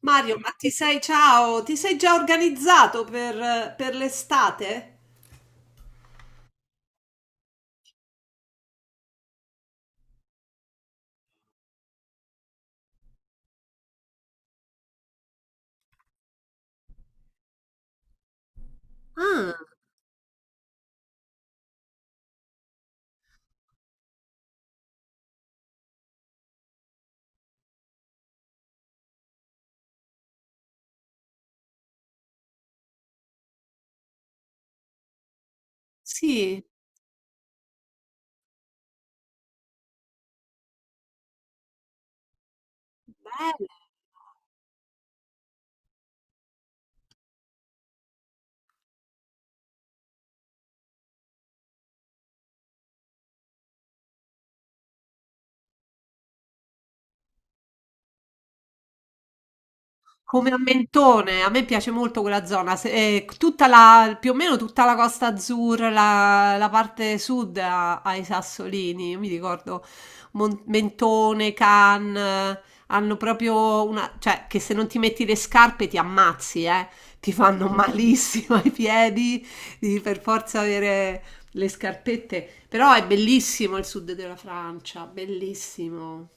Mario, ma ciao, ti sei già organizzato per l'estate? Sì, come a Mentone, a me piace molto quella zona, tutta più o meno tutta la Costa Azzurra, la parte sud ha i sassolini, io mi ricordo Mentone, Cannes, hanno proprio una, cioè che se non ti metti le scarpe ti ammazzi, ti fanno malissimo ai piedi, devi per forza avere le scarpette, però è bellissimo il sud della Francia, bellissimo.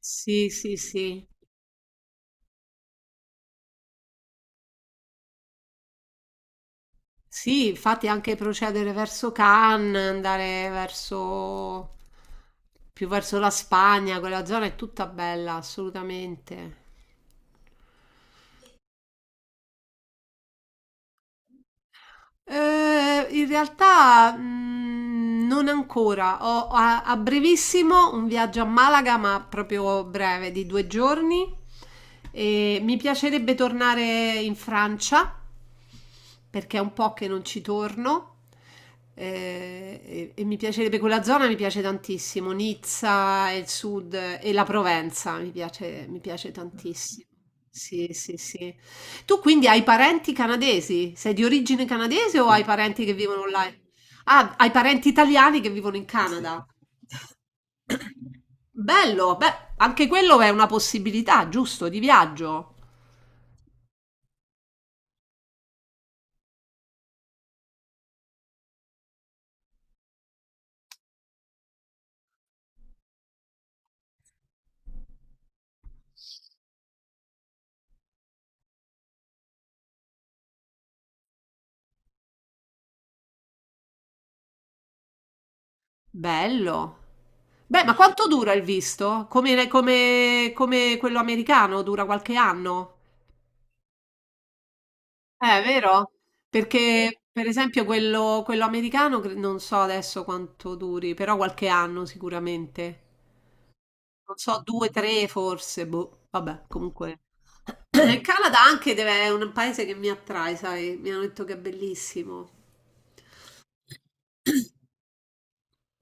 Sì, sì, sì. Sì, infatti anche procedere verso Cannes, andare verso più verso la Spagna, quella zona è tutta bella, assolutamente. In realtà non ancora. Ho a brevissimo un viaggio a Malaga, ma proprio breve, di due giorni. E mi piacerebbe tornare in Francia perché è un po' che non ci torno, e mi piacerebbe quella zona, mi piace tantissimo, Nizza e il sud, e la Provenza, mi piace tantissimo. Sì, sì, sì. Tu quindi hai parenti canadesi? Sei di origine canadese o hai, sì, parenti che vivono là? Ah, hai parenti italiani che vivono in, sì, Canada. Bello, beh, anche quello è una possibilità, giusto, di viaggio. Bello. Beh, ma quanto dura il visto? Come quello americano, dura qualche anno? Vero? Perché, per esempio, quello americano non so adesso quanto duri, però qualche anno sicuramente. Non so, due, tre forse, boh. Vabbè, comunque. Il Canada anche è un paese che mi attrae, sai? Mi hanno detto che è bellissimo.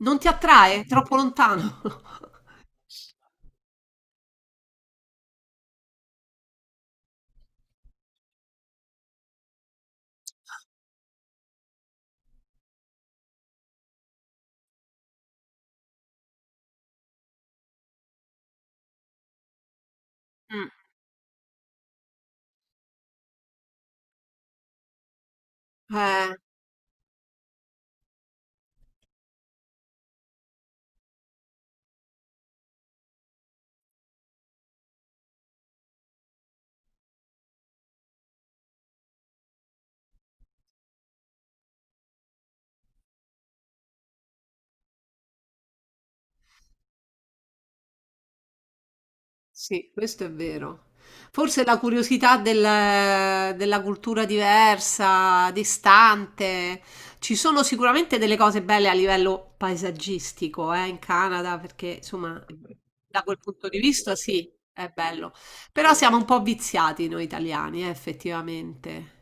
Non ti attrae? È troppo lontano. Mm. Eh, Sì, questo è vero. Forse la curiosità della cultura diversa, distante. Ci sono sicuramente delle cose belle a livello paesaggistico, in Canada, perché insomma, da quel punto di vista sì, è bello. Però siamo un po' viziati noi italiani, effettivamente.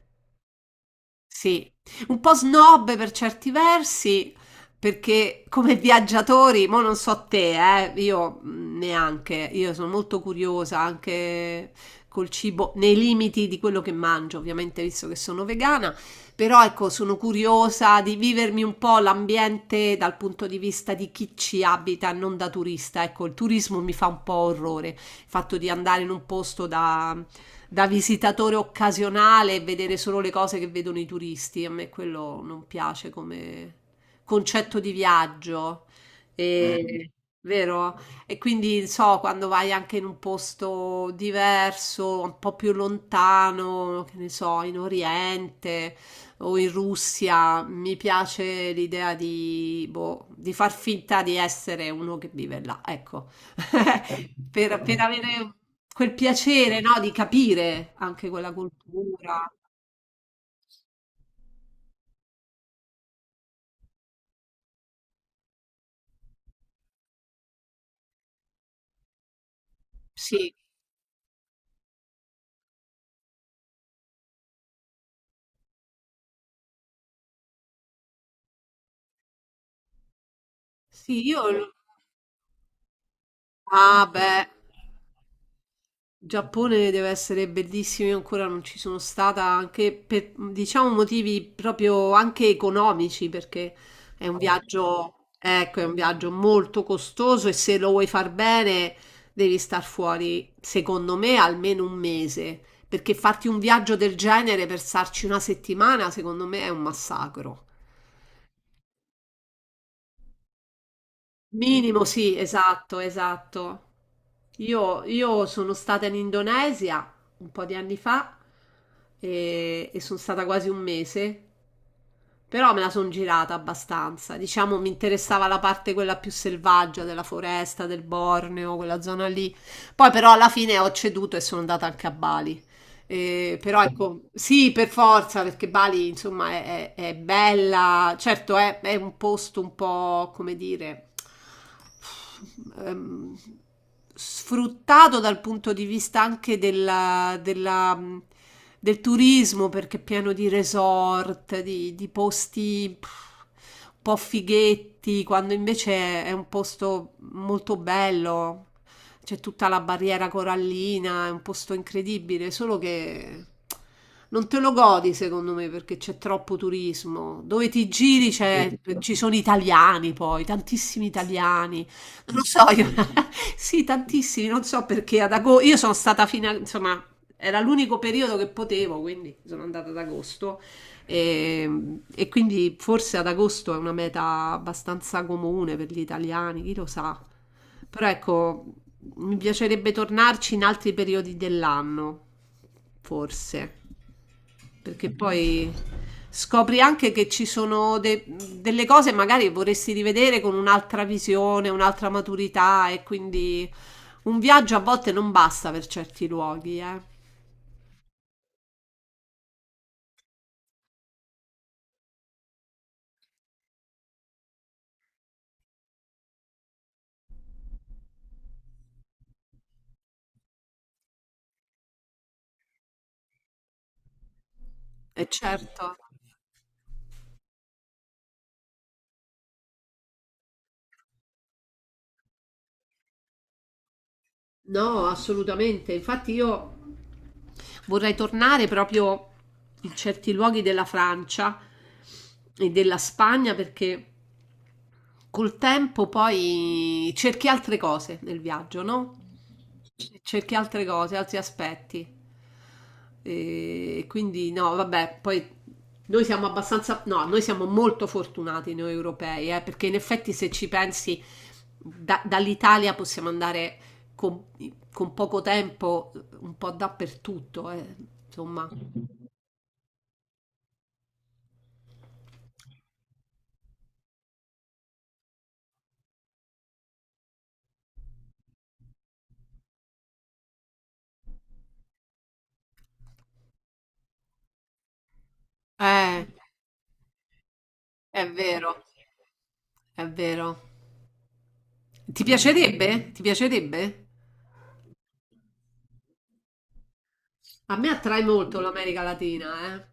Sì, un po' snob per certi versi, perché come viaggiatori, mo non so te, io neanche, io sono molto curiosa anche col cibo, nei limiti di quello che mangio, ovviamente, visto che sono vegana, però ecco, sono curiosa di vivermi un po' l'ambiente dal punto di vista di chi ci abita, non da turista. Ecco, il turismo mi fa un po' orrore, il fatto di andare in un posto da visitatore occasionale e vedere solo le cose che vedono i turisti. A me quello non piace come concetto di viaggio. Mm. E, vero? E quindi so, quando vai anche in un posto diverso, un po' più lontano, che ne so, in Oriente o in Russia, mi piace l'idea di, boh, di far finta di essere uno che vive là, ecco, per avere quel piacere, no, di capire anche quella cultura. Sì, sì, io... Ah, beh. Giappone deve essere bellissimo, io ancora non ci sono stata anche per diciamo motivi proprio anche economici, perché è un viaggio, ecco, è un viaggio molto costoso e se lo vuoi far bene devi star fuori, secondo me, almeno un mese, perché farti un viaggio del genere per starci una settimana, secondo me è un massacro. Minimo, sì, esatto, esatto. Io sono stata in Indonesia un po' di anni fa e sono stata quasi un mese, però me la sono girata abbastanza. Diciamo, mi interessava la parte quella più selvaggia della foresta, del Borneo, quella zona lì. Poi però alla fine ho ceduto e sono andata anche a Bali. Però ecco, sì, per forza, perché Bali, insomma, è bella, certo è un posto un po', come dire, ehm, sfruttato dal punto di vista anche del turismo, perché è pieno di resort, di posti pff, un po' fighetti, quando invece è un posto molto bello, c'è tutta la barriera corallina, è un posto incredibile, solo che non te lo godi secondo me perché c'è troppo turismo. Dove ti giri ci sono italiani poi, tantissimi italiani. Non lo so, io, sì, tantissimi, non so perché ad agosto, io sono stata fino a, insomma, era l'unico periodo che potevo, quindi sono andata ad agosto. E quindi forse ad agosto è una meta abbastanza comune per gli italiani, chi lo sa. Però ecco, mi piacerebbe tornarci in altri periodi dell'anno, forse, perché poi scopri anche che ci sono delle cose magari che vorresti rivedere con un'altra visione, un'altra maturità e quindi un viaggio a volte non basta per certi luoghi, eh. E certo. No, assolutamente. Infatti io vorrei tornare proprio in certi luoghi della Francia e della Spagna perché col tempo poi cerchi altre cose nel viaggio, no? Cerchi altre cose, altri aspetti. E quindi no, vabbè, poi noi siamo abbastanza, no, noi siamo molto fortunati noi europei, perché in effetti se ci pensi dall'Italia possiamo andare con, con poco tempo un po' dappertutto, insomma. Eh, è vero, è vero. Ti piacerebbe? Ti piacerebbe? A me attrae molto l'America Latina, eh.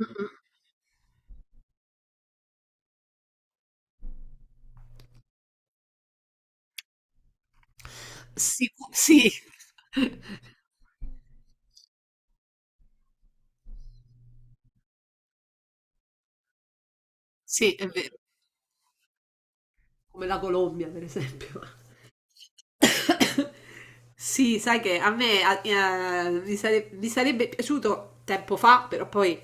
Mm-mm. Sì, sì, è vero, come la Colombia, per esempio. Sì, sai che a me mi sarebbe piaciuto tempo fa, però poi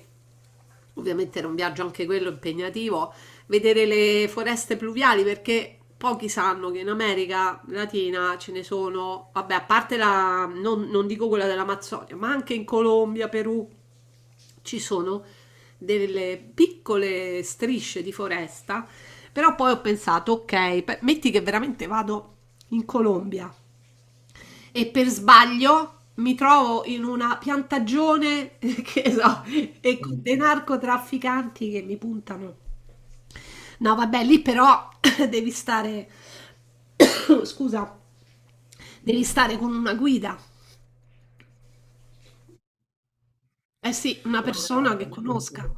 ovviamente era un viaggio anche quello impegnativo, vedere le foreste pluviali perché pochi sanno che in America Latina ce ne sono, vabbè, a parte la, non, non dico quella dell'Amazzonia, ma anche in Colombia, Perù, ci sono delle piccole strisce di foresta. Però poi ho pensato, ok, metti che veramente vado in Colombia e per sbaglio mi trovo in una piantagione, che so, e con dei narcotrafficanti che mi puntano. No, vabbè, lì però devi stare, scusa, devi stare con una guida. Eh sì, una persona che conosca.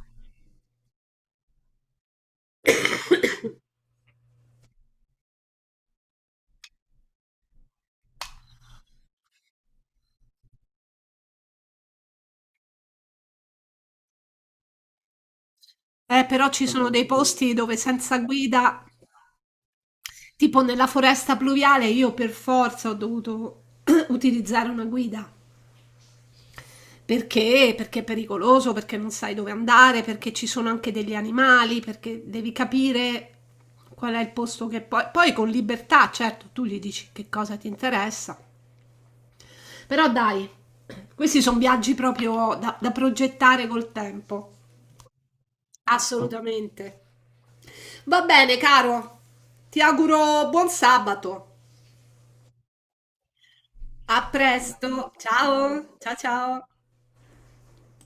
Però ci sono dei posti dove senza guida... Tipo nella foresta pluviale io per forza ho dovuto utilizzare una guida. Perché? Perché è pericoloso, perché non sai dove andare, perché ci sono anche degli animali, perché devi capire qual è il posto che poi... Poi con libertà, certo, tu gli dici che cosa ti interessa. Però dai, questi sono viaggi proprio da progettare col tempo. Assolutamente. Va bene, caro. Ti auguro buon sabato. A presto. Ciao. Ciao ciao.